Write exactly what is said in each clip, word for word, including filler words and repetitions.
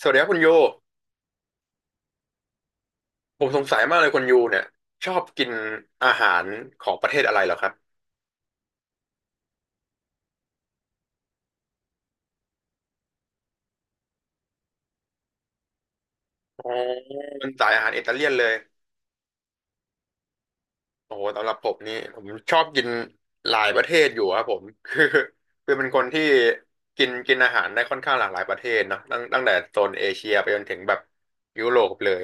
สวัสดีครับคุณยูผมสงสัยมากเลยคุณยูเนี่ยชอบกินอาหารของประเทศอะไรเหรอครับอ๋อเป็นสายอาหารอิตาเลียนเลย โอ้โหสำหรับผมนี่ผมชอบกินหลายประเทศอยู่ครับผม คือคือเป็นคนที่กินกินอาหารได้ค่อนข้างหลากหลายประเทศเนอะตั้งตั้งแต่โซนเอเชียไปจนถึงแบบยุโรปเลย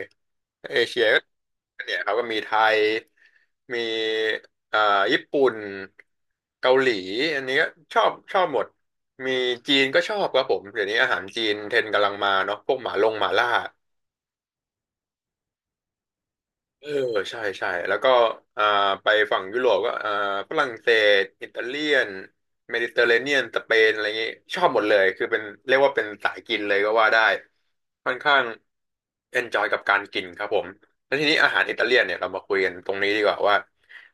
เอเชียก็เนี่ยเขาก็มีไทย มีอ่าญี่ปุ่น เกาหลีอันนี้ก็ชอบชอบหมด มีจีนก็ชอบครับผม เดี๋ยวนี้อาหารจีนเทรนด์กำลังมาเนาะพวกหมาลงหมาล่า เออใช่ใช่แล้วก็อ่าไปฝั่งยุโรปก็อ่าฝรั่งเศสอิตาเลียนเมดิเตอร์เรเนียนสเปนอะไรเงี้ยชอบหมดเลยคือเป็นเรียกว่าเป็นสายกินเลยก็ว่าได้ค่อนข้างเอนจอยกับการกินครับผมแล้วทีนี้อาหารอิตาเลียนเนี่ยเรามาคุยกันตรงนี้ดีกว่าว่า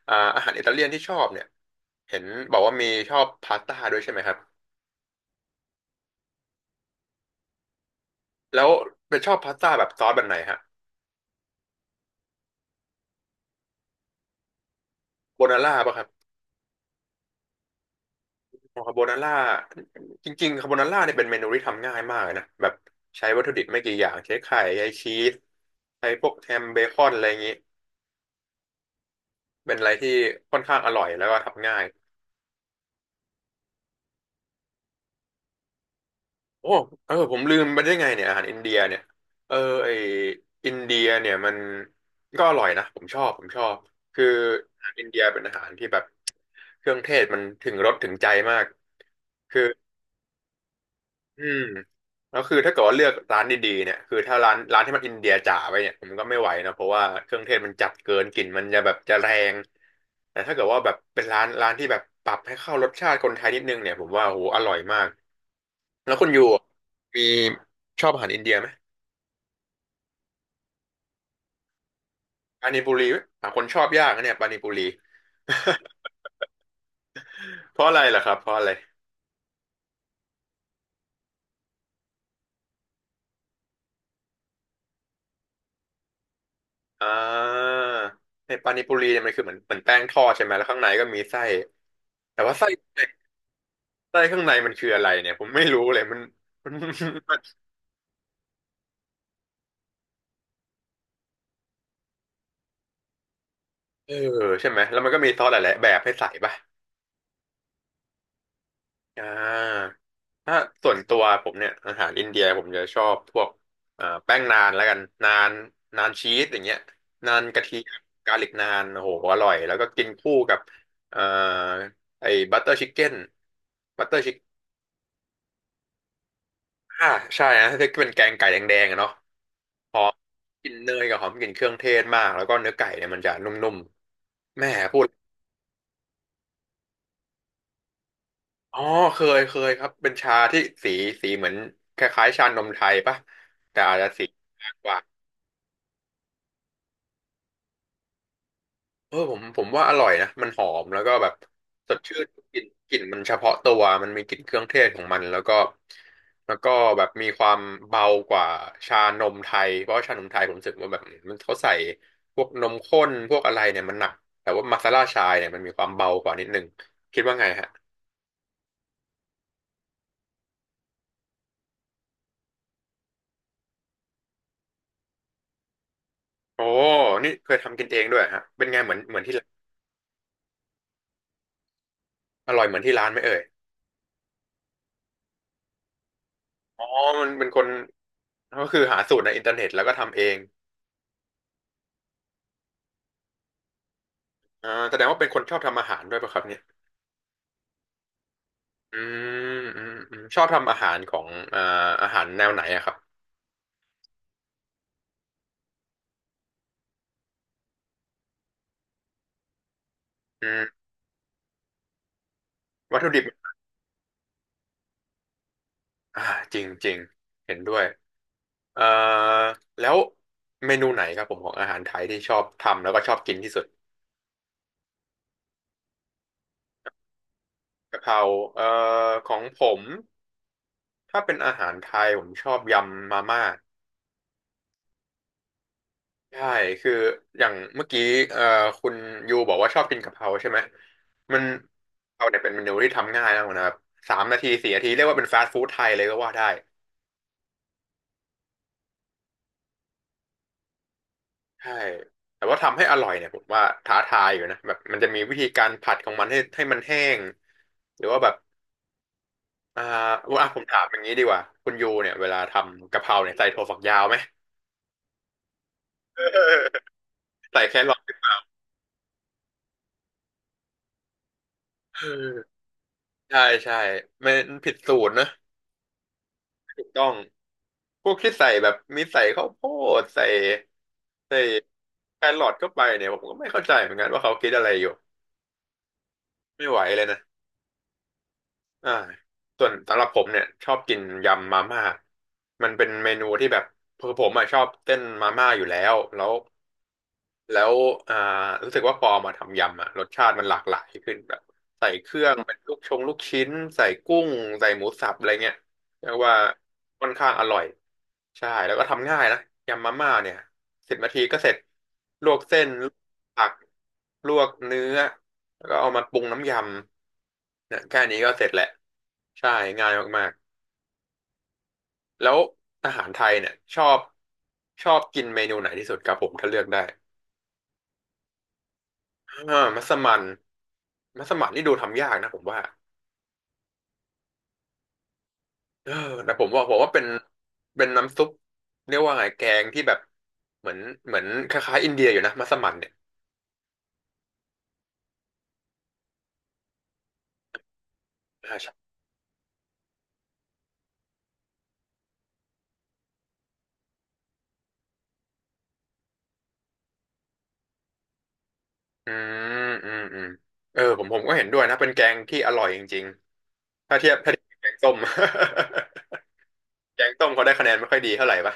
อ่าอาหารอิตาเลียนที่ชอบเนี่ยเห็นบอกว่ามีชอบพาสต้าด้วยใช่ไหมครับแล้วเป็นชอบพาสต้าแบบซอสแบบไหนฮะโบนาร่าป่ะครับ คาโบนาร่าจริงๆคาโบนาร่าเนี่ยเป็นเมนูที่ทำง่ายมากเลยนะแบบใช้วัตถุดิบไม่กี่อย่างใช้ไข่ใช้ชีสใช้พวกแฮมเบคอนอะไรอย่างนี้เป็นอะไรที่ค่อนข้างอร่อยแล้วก็ทำง่ายโอ้เออผมลืมไปได้ไงเนี่ยอาหารอินเดียเนี่ยเออไออินเดียเนี่ยมันก็อร่อยนะผมชอบผมชอบคืออาหารอินเดียเป็นอาหารที่แบบเครื่องเทศมันถึงรสถึงใจมากคือ อืมแล้วคือถ้าเกิดว่าเลือกร้านดีๆเนี่ยคือถ้าร้านร้านที่มันอินเดียจ๋าไปเนี่ยผมก็ไม่ไหวนะเพราะว่าเครื่องเทศมันจัดเกินกลิ่นมันจะแบบจะแรงแต่ถ้าเกิดว่าแบบเป็นร้านร้านที่แบบปรับให้เข้ารสชาติคนไทยนิดนึงเนี่ยผมว่าโหอร่อยมากแล้วคุณยูอะมีชอบอาหารอินเดียไหมปานิปุรีไหมหาคนชอบยากนะเนี่ยปานิปุรี เพราะอะไรล่ะครับเพราะอะไรอ่าในปานิปุรีเนี่ยมันคือเหมือนเหมือนแป้งทอดใช่ไหมแล้วข้างในก็มีไส้แต่ว่าไส้ ไส้ข้างในมันคืออะไรเนี่ยผมไม่รู้เลยมันมันมันเออใช่ไหมแล้วมันก็มีซอสหลายๆแบบให้ใส่ป่ะอ่าถ้าส่วนตัวผมเนี่ยอาหารอินเดียผมจะชอบพวกเอ่อแป้งนานแล้วกันนานนานชีสอย่างเงี้ยนานกระเทียมกาลิกนานโอ้โหอร่อยแล้วก็กินคู่กับเอ่อไอ้บัตเตอร์ชิคเก้นบัตเตอร์ชิคอ่าใช่นะที่เป็นแกงไก่แดงๆอะเนาะหอมกลิ่นเนยกับหอมกลิ่นเครื่องเทศมากแล้วก็เนื้อไก่เนี่ยมันจะนุ่มๆแม่พูด อ๋อเคยเคยครับเป็นชาที่สีสีเหมือนคล้ายๆชานมไทยปะแต่อาจจะสีมากกว่าเออผมผมว่าอร่อยนะมันหอมแล้วก็แบบสดชื่นกลิ่นกลิ่นมันเฉพาะตัวมันมีกลิ่นเครื่องเทศของมันแล้วก็แล้วก็แบบมีความเบากว่าชานมไทยเพราะว่าชานมไทยผมรู้สึกว่าแบบมันเขาใส่พวกนมข้นพวกอะไรเนี่ยมันหนักแต่ว่ามาซาล่าชายเนี่ยมันมีความเบากว่านิดนึงคิดว่าไงฮะโอ้นี่เคยทำกินเองด้วยฮะเป็นไงเหมือนเหมือนที่ร้านอร่อยเหมือนที่ร้านไหมเอ่ย อ๋อมันเป็นคนก็คือหาสูตรในอินเทอร์เน็ตแล้วก็ทำเองอ่าแสดงว่าเป็นคนชอบทำอาหารด้วยป่ะครับเนี่ยอืมอืมอืมชอบทำอาหารของอ่าอาหารแนวไหนอะครับอืมวัตถุดิบอ่าจริงจริงเห็นด้วยเอ่อแล้วเมนูไหนครับผมของอาหารไทยที่ชอบทำแล้วก็ชอบกินที่สุดกะเพราเอ่อของผมถ้าเป็นอาหารไทยผมชอบยำมาม่า ใช่คืออย่างเมื่อกี้เอ่อคุณยูบอกว่าชอบกินกะเพราใช่ไหมมันกะเพราเนี่ยเป็นเมนูที่ทำง่ายมากนะครับสามนาทีสี่นาทีเรียกว่าเป็นฟาสต์ฟู้ดไทยเลยก็ว่าได้ใช่แต่ว่าทำให้อร่อยเนี่ยผมว่าท้าทายอยู่นะแบบมันจะมีวิธีการผัดของมันให้ให้มันแห้งหรือว่าแบบอ่าว่าผมถามอย่างนี้ดีกว่าคุณยูเนี่ยเวลาทำกะเพราเนี่ยใส่ถั่วฝักยาวไหม ใส่แครอทเออใช่ใช่ไม่ผิดสูตรนะถูกต้อง พวกที่ใส่แบบมีใส่ข้าวโพดใส่ใส่แครอทเข้าไปเนี่ยผมก็ไม่เข้าใจเหมือนกันว่าเขาคิดอะไรอยู่ไม่ไหวเลยนะอ่าส่วนสำหรับผมเนี่ยชอบกินยำมาม่ามันเป็นเมนูที่แบบคือผมอะชอบเต้นมาม่าอยู่แล้วแล้ว แล้วอ่ารู้สึกว่าพอมาทำยำอ่ะรสชาติมันหลากหลายขึ้นแบบใส่เครื่องเป็นลูกชงลูกชิ้นใส่กุ้งใส่หมูสับอะไรเงี้ยเรียกว่าค่อนข้างอร่อยใช่แล้วก็ทำง่ายนะยำมาม่าเนี่ยสิบนาทีก็เสร็จลวกเส้นลวกผักลวกเนื้อแล้วก็เอามาปรุงน้ำยำเนี่ยแค่นี้ก็เสร็จแหละใช่ง่ายมากๆแล้วอาหารไทยเนี่ยชอบชอบกินเมนูไหนที่สุดครับผมถ้าเลือกได้ อ่ามัสมั่นมัสมั่นนี่ดูทำยากนะผมว่าเออแต่ผมว่าผมว่าเป็นเป็นน้ำซุปเรียกว่าไงแกงที่แบบเหมือนเหมือนคล้ายๆอินเดียอยู่นะมัสมั่นเนี่ยอ่าใช่อืมอืมอืมเออผมผมก็เห็นด้วยนะเป็นแกงที่อร่อยจริงๆถ้าเทียบถ้าเทียบกับแกงส้ม แกงต้มเขาได้คะแนนไม่ค่อยดีเท่าไหร่ปะ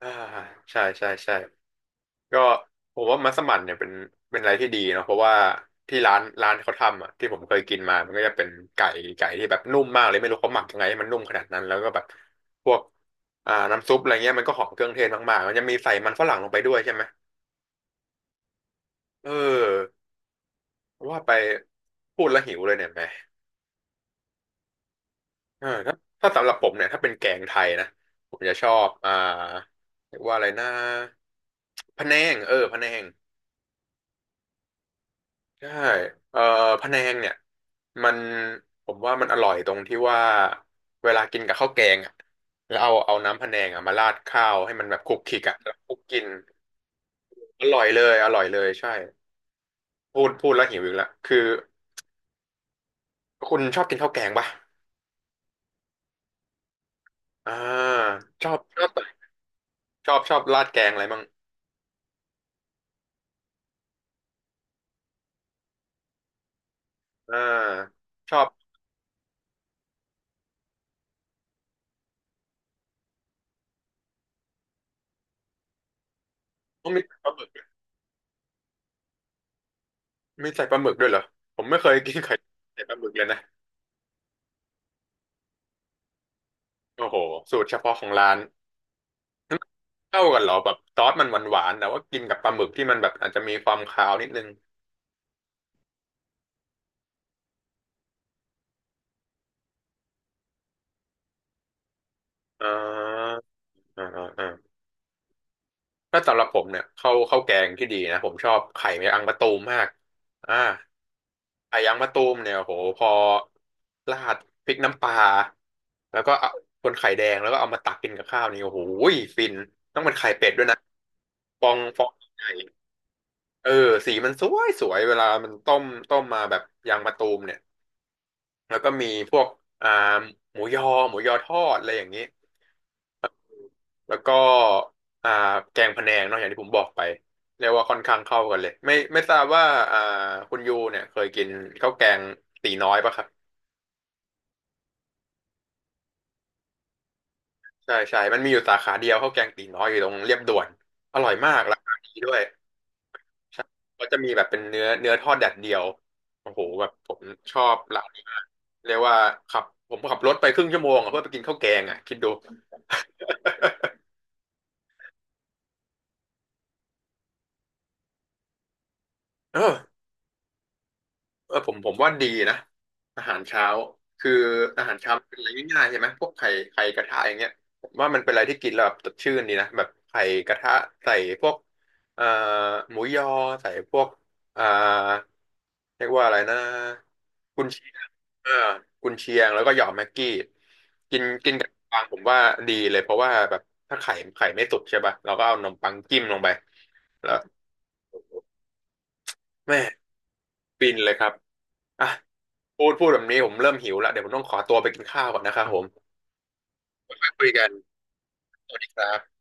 อ่าใช่ใช่ใช่ ก็ผมว่ามัสมั่นเนี่ยเป็นเป็นอะไรที่ดีเนาะเพราะว่าที่ร้านร้านเขาทำอ่ะที่ผมเคยกินมามันก็จะเป็นไก่ไก่ที่แบบนุ่มมากเลยไม่รู้เขาหมักยังไงให้มันนุ่มขนาดนั้นแล้วก็แบบพวกอ่าน้ำซุปอะไรเงี้ยมันก็หอมเครื่องเทศมากๆมันจะมีใส่มันฝรั่งลงไปด้วยใช่ไหมเออว่าไปพูดแล้วหิวเลยเนี่ยแหมเออถ้าถ้าสำหรับผมเนี่ยถ้าเป็นแกงไทยนะผมจะชอบอ่าเรียกว่าอะไรนะพะแนงเออพะแนง ใช่เอ่อพะแนงเนี่ยมันผมว่ามันอร่อยตรงที่ว่าเวลากินกับข้าวแกงอ่ะแล้วเอาเอาน้ำพะแนงอ่ะมาราดข้าวให้มันแบบคลุกคลิกอ่ะแล้วคลุกกินอร่อยเลยอร่อยเลยใช่พูดพูดแล้วหิวอีกแลวคือคุณชอบกินข้าวแกงป่ะอ่าชอบชอบชอบชอบราดแกงอะไรมั่งอ่าชอบต้องมีใส่ปลาหมึกด้วยมีใส่ปลาหมึกด้วยเหรอผมไม่เคยกินไข่ใส่ปลาหมึกเลยนะโอ้โหสูตรเฉพาะของร้าน เข้ากันเหรอแบบซอสมันหวานๆแต่ว่ากินกับปลาหมึกที่มันแบบอาจจะมีความคาวนิดนึงอ่าอ่าอ่าอ่าถ้าสำหรับผมเนี่ยข้าวข้าวแกงที่ดีนะผมชอบไข่แมงอังมะตูมมากอ่าไข่แมงอังมะตูมเนี่ยโหพอราดพริกน้ำปลาแล้วก็เอาคนไข่แดงแล้วก็เอามาตักกินกับข้าวนี่โอ้โหฟินต้องเป็นไข่เป็ดด้วยนะฟองฟองใหญ่เออสีมันสวยสวยเวลามันต้มต้มมาแบบยางมะตูมเนี่ย แล้วก็มีพวกอ่าหมูยอหมูยอทอดอะไรอย่างนี้แล้วก็อ่าแกงพะแนงเนอะอย่างที่ผมบอกไปเรียกว่าค่อนข้างเข้ากันเลยไม่ไม่ทราบว่าอ่าคุณยูเนี่ยเคยกินข้าวแกงตีน้อยปะครับใช่ใช่มันมีอยู่สาขาเดียวข้าวแกงตีน้อยอยู่ตรงเรียบด่วนอร่อยมากราคาดีด้วยใช่ก็จะมีแบบเป็นเนื้อเนื้อทอดแดดเดียวโอ้โหแบบผมชอบร้านนี้มากเรียกว่าขับผมขับรถไปครึ่งชั่วโมงอะเพื่อไปกินข้าวแกงอ่ะคิดดู เออ เออผมผมว่าดีนะอาหารเช้าคืออาหารเช้ามันเป็นอะไรง่ายๆใช่ไหมพวกไข่ไข่กระทะอย่างเงี้ยผมว่ามันเป็นอะไรที่กินแล้วแบบสดชื่นดีนะแบบไข่กระทะใส่พวกเอ่อหมูยอใส่พวกเอ่อเรียกว่าอะไรนะกุนเชียงเออกุนเชียงแล้วก็หยอดแม็กกี้กินกินกับนมปังผมว่าดีเลยเพราะว่าแบบถ้าไข่ไข่ไม่สุกใช่ป่ะเราก็เอานมปังจิ้มลงไปแล้วแม่ ฟินเลยครับอ่ะพูดพูดแบบนี้ผมเริ่มหิวละเดี๋ยวผมต้องขอตัวไปกินข้าวก่อนนะครับผมไปคุยกันสวัสดีครับ